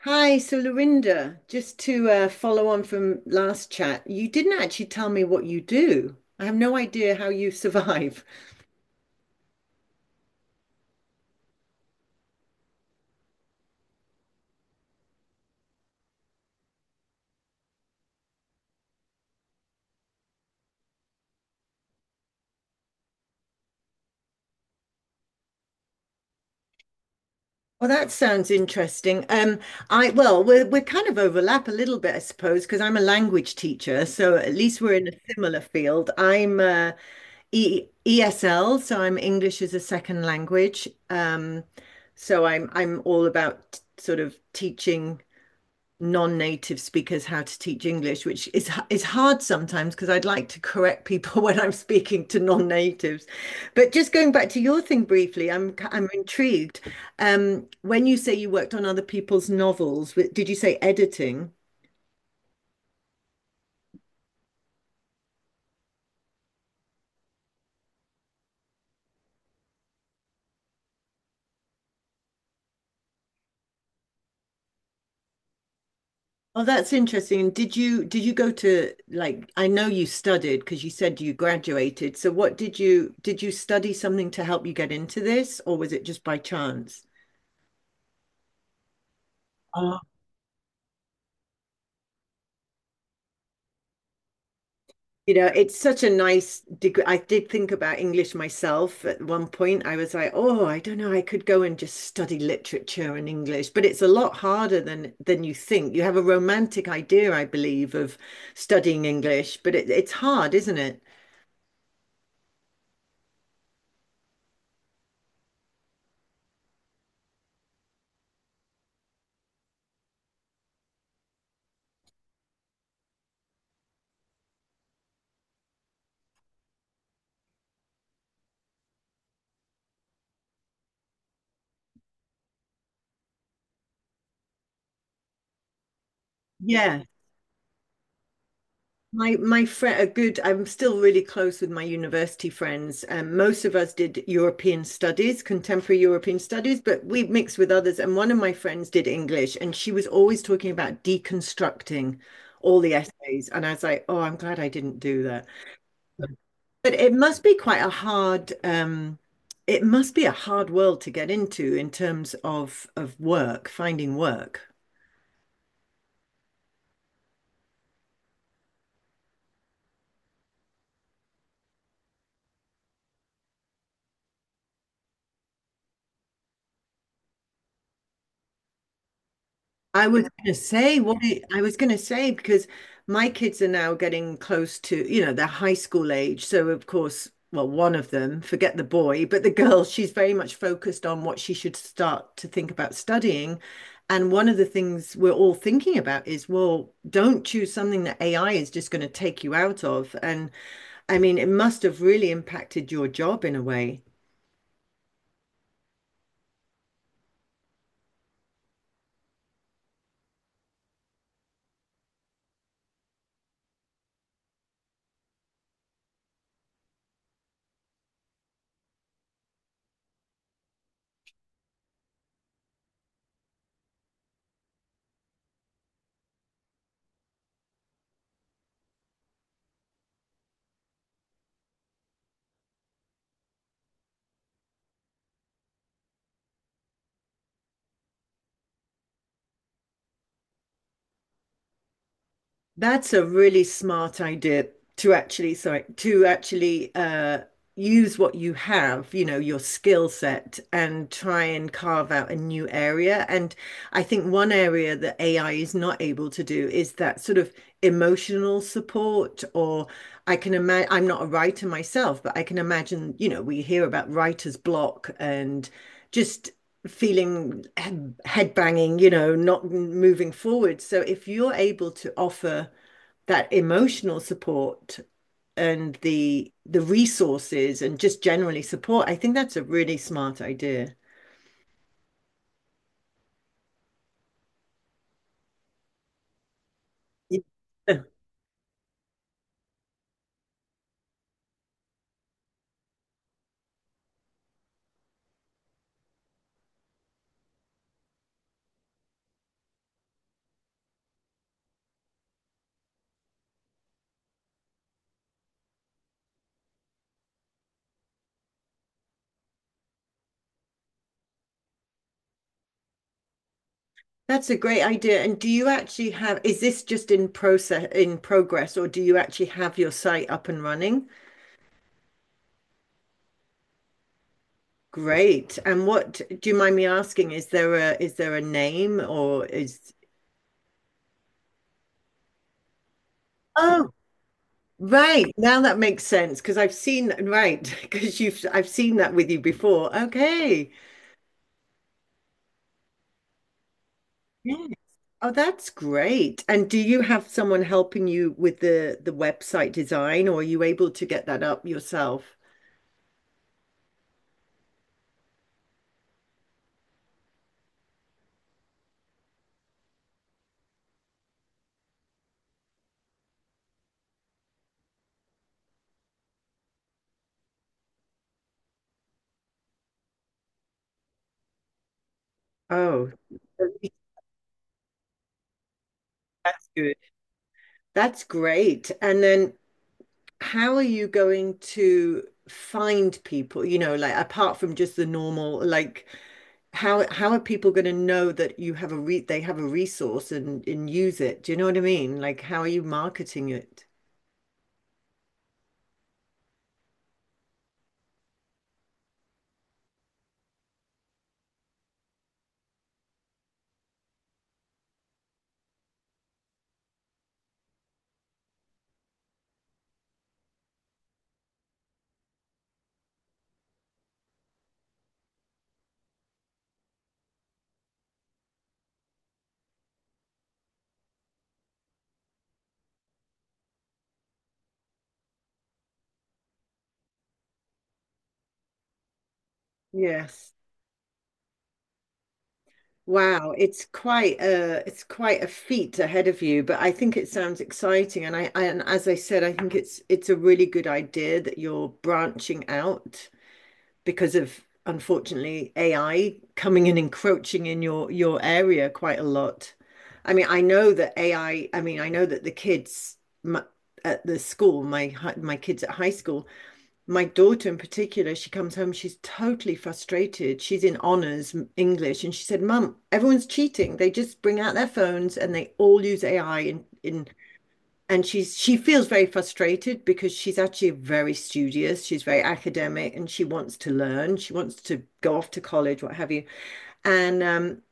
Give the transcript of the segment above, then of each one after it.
Hi, so Lorinda, just to follow on from last chat, you didn't actually tell me what you do. I have no idea how you survive. Well, that sounds interesting. I well, we're kind of overlap a little bit, I suppose, because I'm a language teacher, so at least we're in a similar field. I'm E ESL, so I'm English as a second language. So I'm all about sort of teaching non-native speakers how to teach English, which is hard sometimes because I'd like to correct people when I'm speaking to non-natives. But just going back to your thing briefly, I'm intrigued. When you say you worked on other people's novels, did you say editing? Oh, that's interesting. And did you go to like I know you studied because you said you graduated. So what did you study something to help you get into this, or was it just by chance? You know, it's such a nice degree. I did think about English myself at one point. I was like, oh, I don't know, I could go and just study literature and English, but it's a lot harder than you think. You have a romantic idea, I believe, of studying English, but it's hard, isn't it? Yeah. My friend, a good. I'm still really close with my university friends. Most of us did European studies, contemporary European studies, but we mixed with others. And one of my friends did English, and she was always talking about deconstructing all the essays. And I was like, oh, I'm glad I didn't do that. But it must be quite a hard. It must be a hard world to get into in terms of work, finding work. I was going to say what it, I was going to say because my kids are now getting close to, you know, they're high school age. So of course, well, one of them, forget the boy, but the girl, she's very much focused on what she should start to think about studying. And one of the things we're all thinking about is, well, don't choose something that AI is just going to take you out of. And I mean, it must have really impacted your job in a way. That's a really smart idea to actually, sorry, to actually use what you have, you know, your skill set, and try and carve out a new area. And I think one area that AI is not able to do is that sort of emotional support. Or I can imagine, I'm not a writer myself, but I can imagine, you know, we hear about writer's block and just feeling head banging, you know, not moving forward. So if you're able to offer that emotional support, and the resources and just generally support, I think that's a really smart idea. Yeah. That's a great idea. And do you actually have, is this just in process, in progress, or do you actually have your site up and running? Great. And what, do you mind me asking, is there a name or is Oh, right. Now that makes sense because I've seen right because you've I've seen that with you before. Okay. Yes. Oh, that's great. And do you have someone helping you with the website design, or are you able to get that up yourself? Oh, at least that's good. That's great. And then how are you going to find people, you know, like apart from just the normal, like how are people going to know that you have a re they have a resource and use it? Do you know what I mean? Like how are you marketing it? Yes. Wow, it's quite a feat ahead of you, but I think it sounds exciting. And I and as I said, I think it's a really good idea that you're branching out because of unfortunately AI coming and encroaching in your area quite a lot. I mean, I know that AI, I mean, I know that the kids m- at the school, my kids at high school, my daughter in particular, she comes home, she's totally frustrated. She's in honors English, and she said, "Mum, everyone's cheating. They just bring out their phones and they all use AI in." And she feels very frustrated because she's actually very studious. She's very academic, and she wants to learn. She wants to go off to college, what have you. And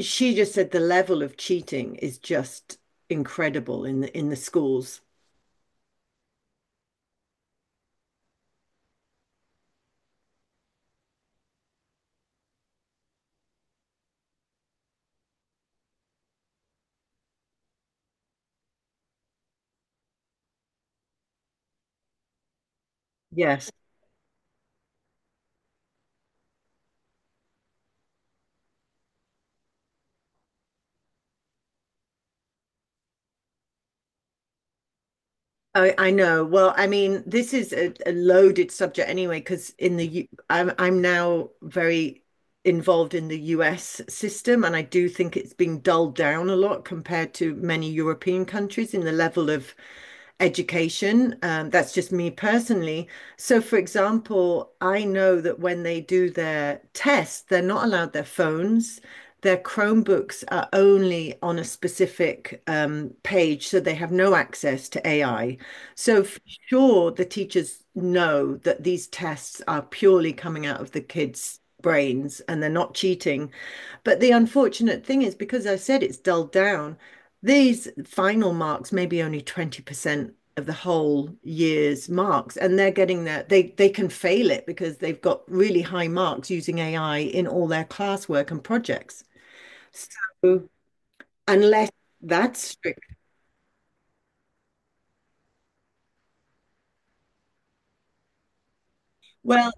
she just said the level of cheating is just incredible in the schools. Yes. I know. Well, I mean, this is a loaded subject anyway, because in the U I'm now very involved in the US system, and I do think it's been dulled down a lot compared to many European countries in the level of education. That's just me personally. So, for example, I know that when they do their tests, they're not allowed their phones. Their Chromebooks are only on a specific page, so they have no access to AI. So for sure, the teachers know that these tests are purely coming out of the kids' brains and they're not cheating. But the unfortunate thing is, because I said it's dulled down, these final marks may be only 20% of the whole year's marks, and they're getting their they can fail it because they've got really high marks using AI in all their classwork and projects. So unless that's strict, well.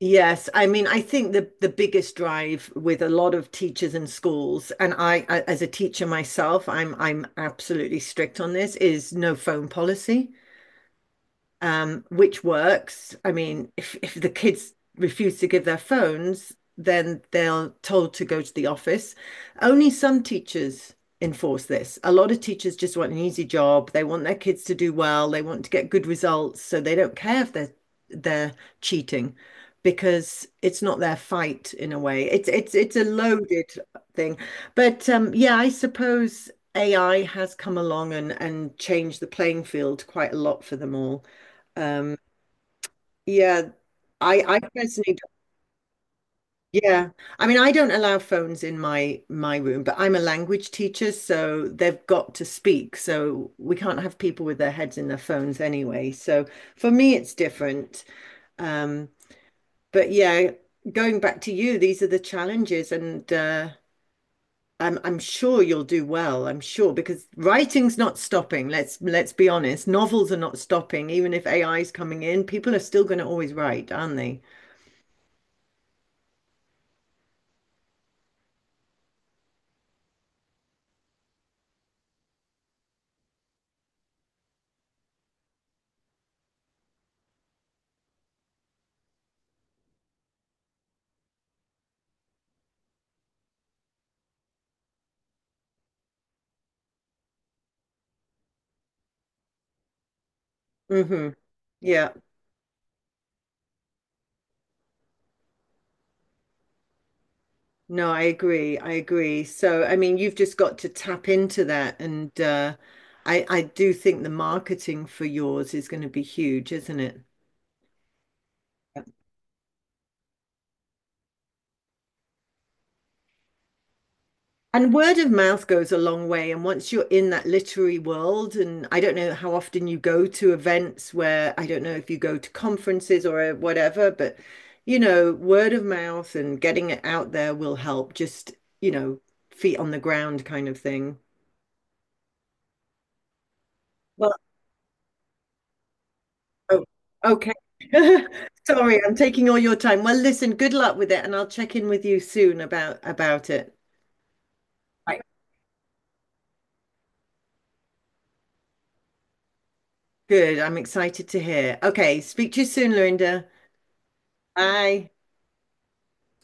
Yes, I mean, I think the biggest drive with a lot of teachers and schools, and as a teacher myself, I'm absolutely strict on this, is no phone policy which works. I mean, if the kids refuse to give their phones, then they're told to go to the office. Only some teachers enforce this. A lot of teachers just want an easy job. They want their kids to do well. They want to get good results, so they don't care if they're cheating because it's not their fight in a way. It's it's a loaded thing. But yeah, I suppose AI has come along and changed the playing field quite a lot for them all. Um, yeah, I personally don't, yeah. I mean, I don't allow phones in my room, but I'm a language teacher, so they've got to speak. So we can't have people with their heads in their phones anyway. So for me, it's different. Um, but yeah, going back to you, these are the challenges, and I'm sure you'll do well. I'm sure because writing's not stopping. Let's be honest. Novels are not stopping, even if AI is coming in. People are still going to always write, aren't they? Hmm. Yeah. No, I agree. I agree. So, I mean, you've just got to tap into that. And I do think the marketing for yours is going to be huge, isn't it? And word of mouth goes a long way. And once you're in that literary world, and I don't know how often you go to events where I don't know if you go to conferences or whatever, but you know, word of mouth and getting it out there will help, just, you know, feet on the ground kind of thing. Oh, okay. Sorry, I'm taking all your time. Well, listen, good luck with it, and I'll check in with you soon about it. Right. Good. I'm excited to hear. Okay, speak to you soon, Lorinda. Bye.